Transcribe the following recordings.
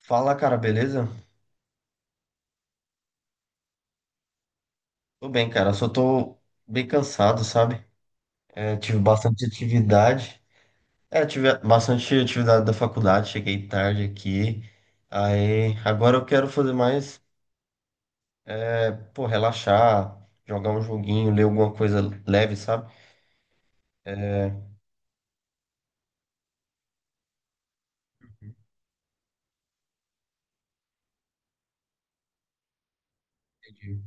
Fala, cara, beleza? Tô bem, cara. Só tô bem cansado, sabe? Tive bastante atividade. Tive bastante atividade da faculdade. Cheguei tarde aqui. Aí, agora eu quero fazer mais, pô, relaxar, jogar um joguinho, ler alguma coisa leve, sabe? É. Entendi.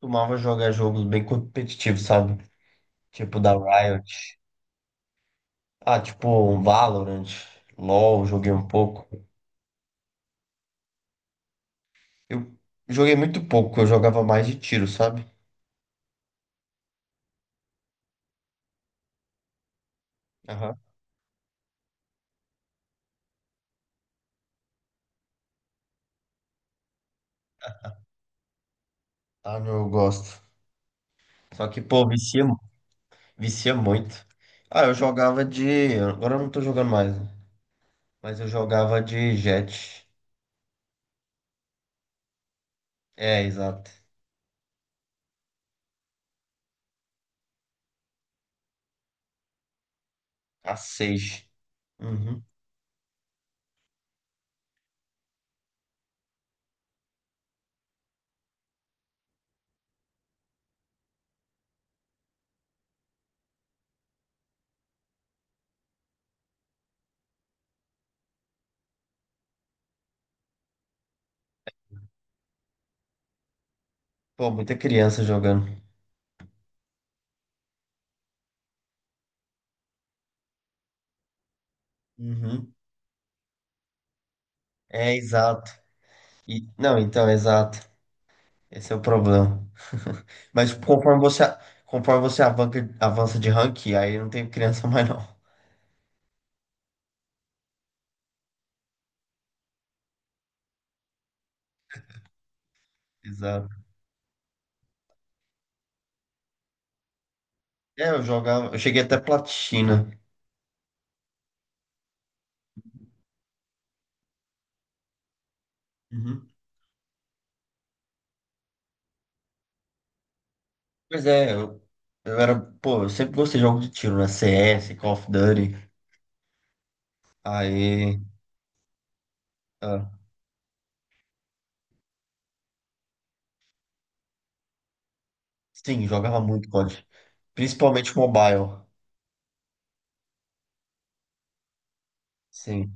Costumava jogar jogos bem competitivos, sabe? Tipo da Riot. Tipo um Valorant, LoL, joguei um pouco. Eu Joguei muito pouco, eu jogava mais de tiro, sabe? Ah, meu, eu gosto. Só que, pô, vicia, vicia muito. Ah, eu jogava de. Agora eu não tô jogando mais, né? Mas eu jogava de Jet. É, exato. A 6. Uhum. Pô, muita criança jogando. Uhum. É, exato. E, não, então, exato. Esse é o problema. Mas tipo, conforme você avança de rank, aí não tem criança mais, não. Exato. É, eu jogava. Eu cheguei até platina. Uhum. Pois é, eu era, pô, eu sempre gostei de jogos de tiro, né? CS, Call of Duty. Aí, ah, sim, jogava muito COD. Principalmente mobile. Sim,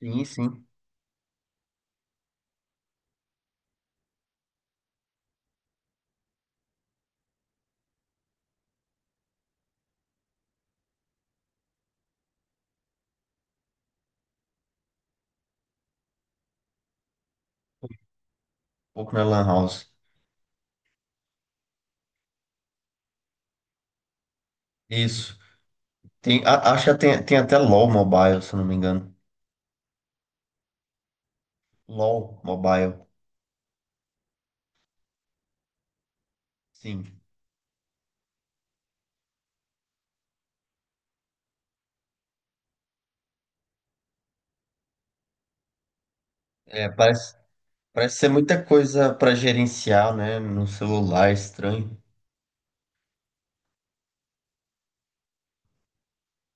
sim, sim. Um pouco na Lan House. Isso. Tem, acho que tem, tem até LoL Mobile, se eu não me engano. LoL Mobile. Sim. É, parece, parece ser muita coisa pra gerenciar, né? No celular, estranho.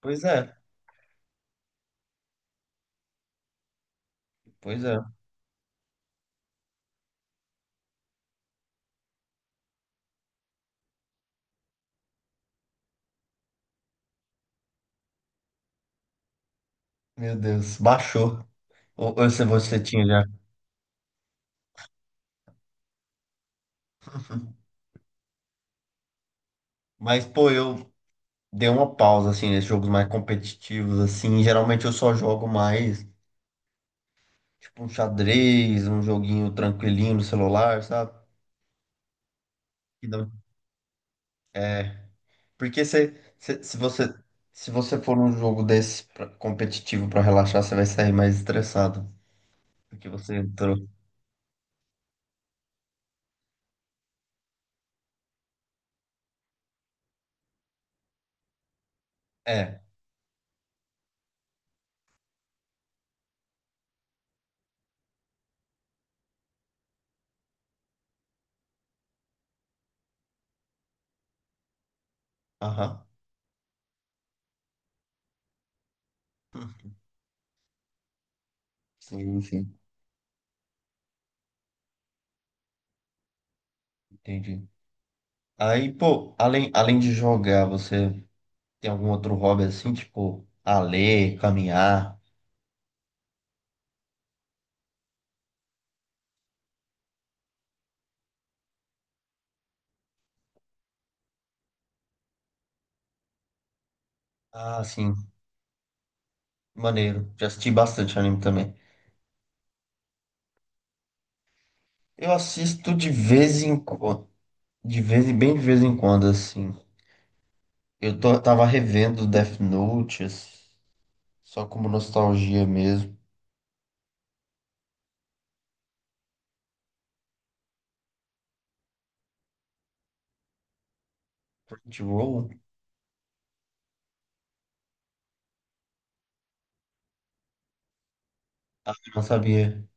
Pois é, pois é. Meu Deus, baixou. Ou se você tinha já. Mas, pô, eu, deu uma pausa assim nesses jogos mais competitivos assim. Geralmente eu só jogo mais tipo um xadrez, um joguinho tranquilinho no celular, sabe? Que não- É, porque se você se você for num jogo desse competitivo pra relaxar, você vai sair mais estressado, porque você entrou. É, aham. Sim, sim, entendi. Aí, pô, além de jogar, você tem algum outro hobby assim, tipo, a ler, caminhar? Ah, sim. Maneiro. Já assisti bastante anime também. Eu assisto de vez em quando, de vez em bem de vez em quando, assim. Tava revendo Death Note, assim, só como nostalgia mesmo. Crunchyroll? Ah, eu não sabia.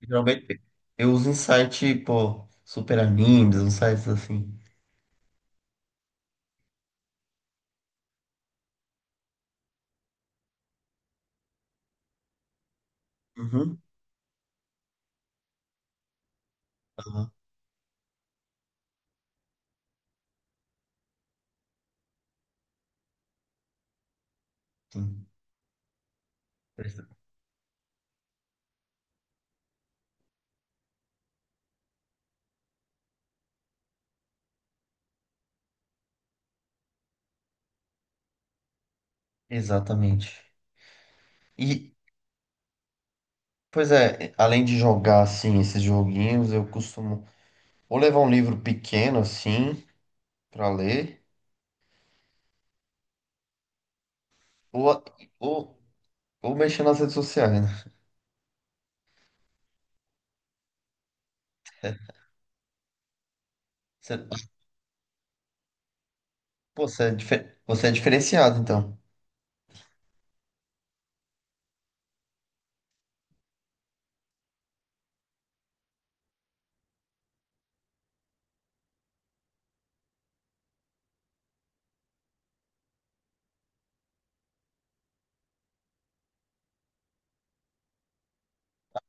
Geralmente eu uso em site, pô, Super Animes, uns sites assim. Uhum. Aham, sim. Exa- Exatamente. E, pois é, além de jogar, assim, esses joguinhos, eu costumo ou levar um livro pequeno, assim, pra ler. Ou, ou, ou mexer nas redes sociais, né? Você, pô, você é, você é diferenciado, então.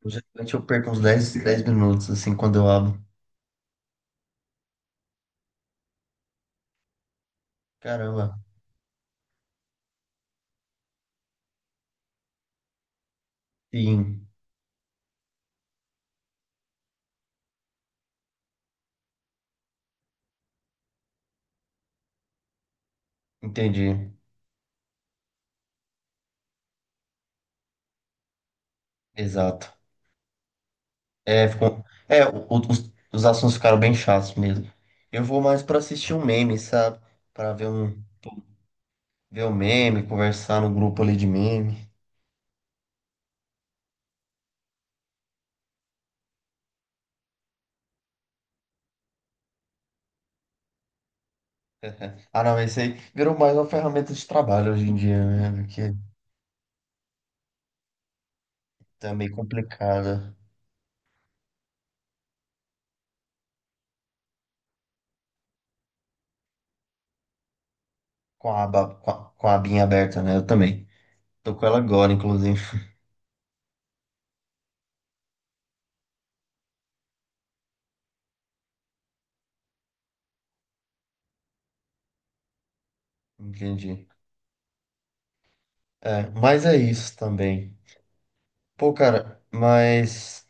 Geralmente eu perco uns 10 minutos, assim, quando eu abro. Caramba. Sim, entendi. Exato. É, ficou. É, os assuntos ficaram bem chatos mesmo. Eu vou mais pra assistir um meme, sabe? Pra ver um, ver um meme, conversar no grupo ali de meme. Ah, não, esse aí virou mais uma ferramenta de trabalho hoje em dia, né? Que tá meio complicado. Com a aba, com a abinha aberta, né? Eu também. Tô com ela agora, inclusive. Entendi. É, mas é isso também. Pô, cara, mas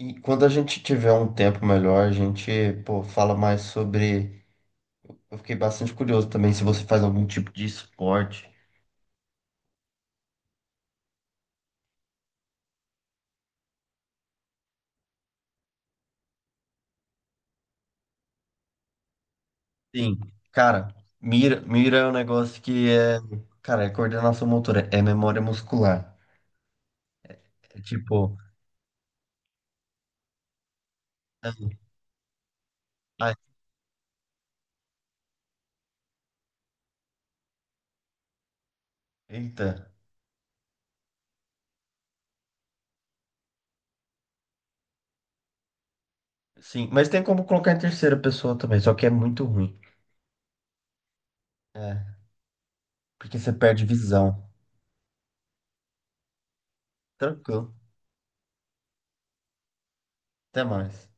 e quando a gente tiver um tempo melhor, a gente, pô, fala mais sobre. Eu fiquei bastante curioso também se você faz algum tipo de esporte. Sim, cara, mira é um negócio que é, cara, é coordenação motora, é memória muscular. É tipo, ah, eita, sim, mas tem como colocar em terceira pessoa também, só que é muito ruim. É. Porque você perde visão. Tranquilo. Até mais.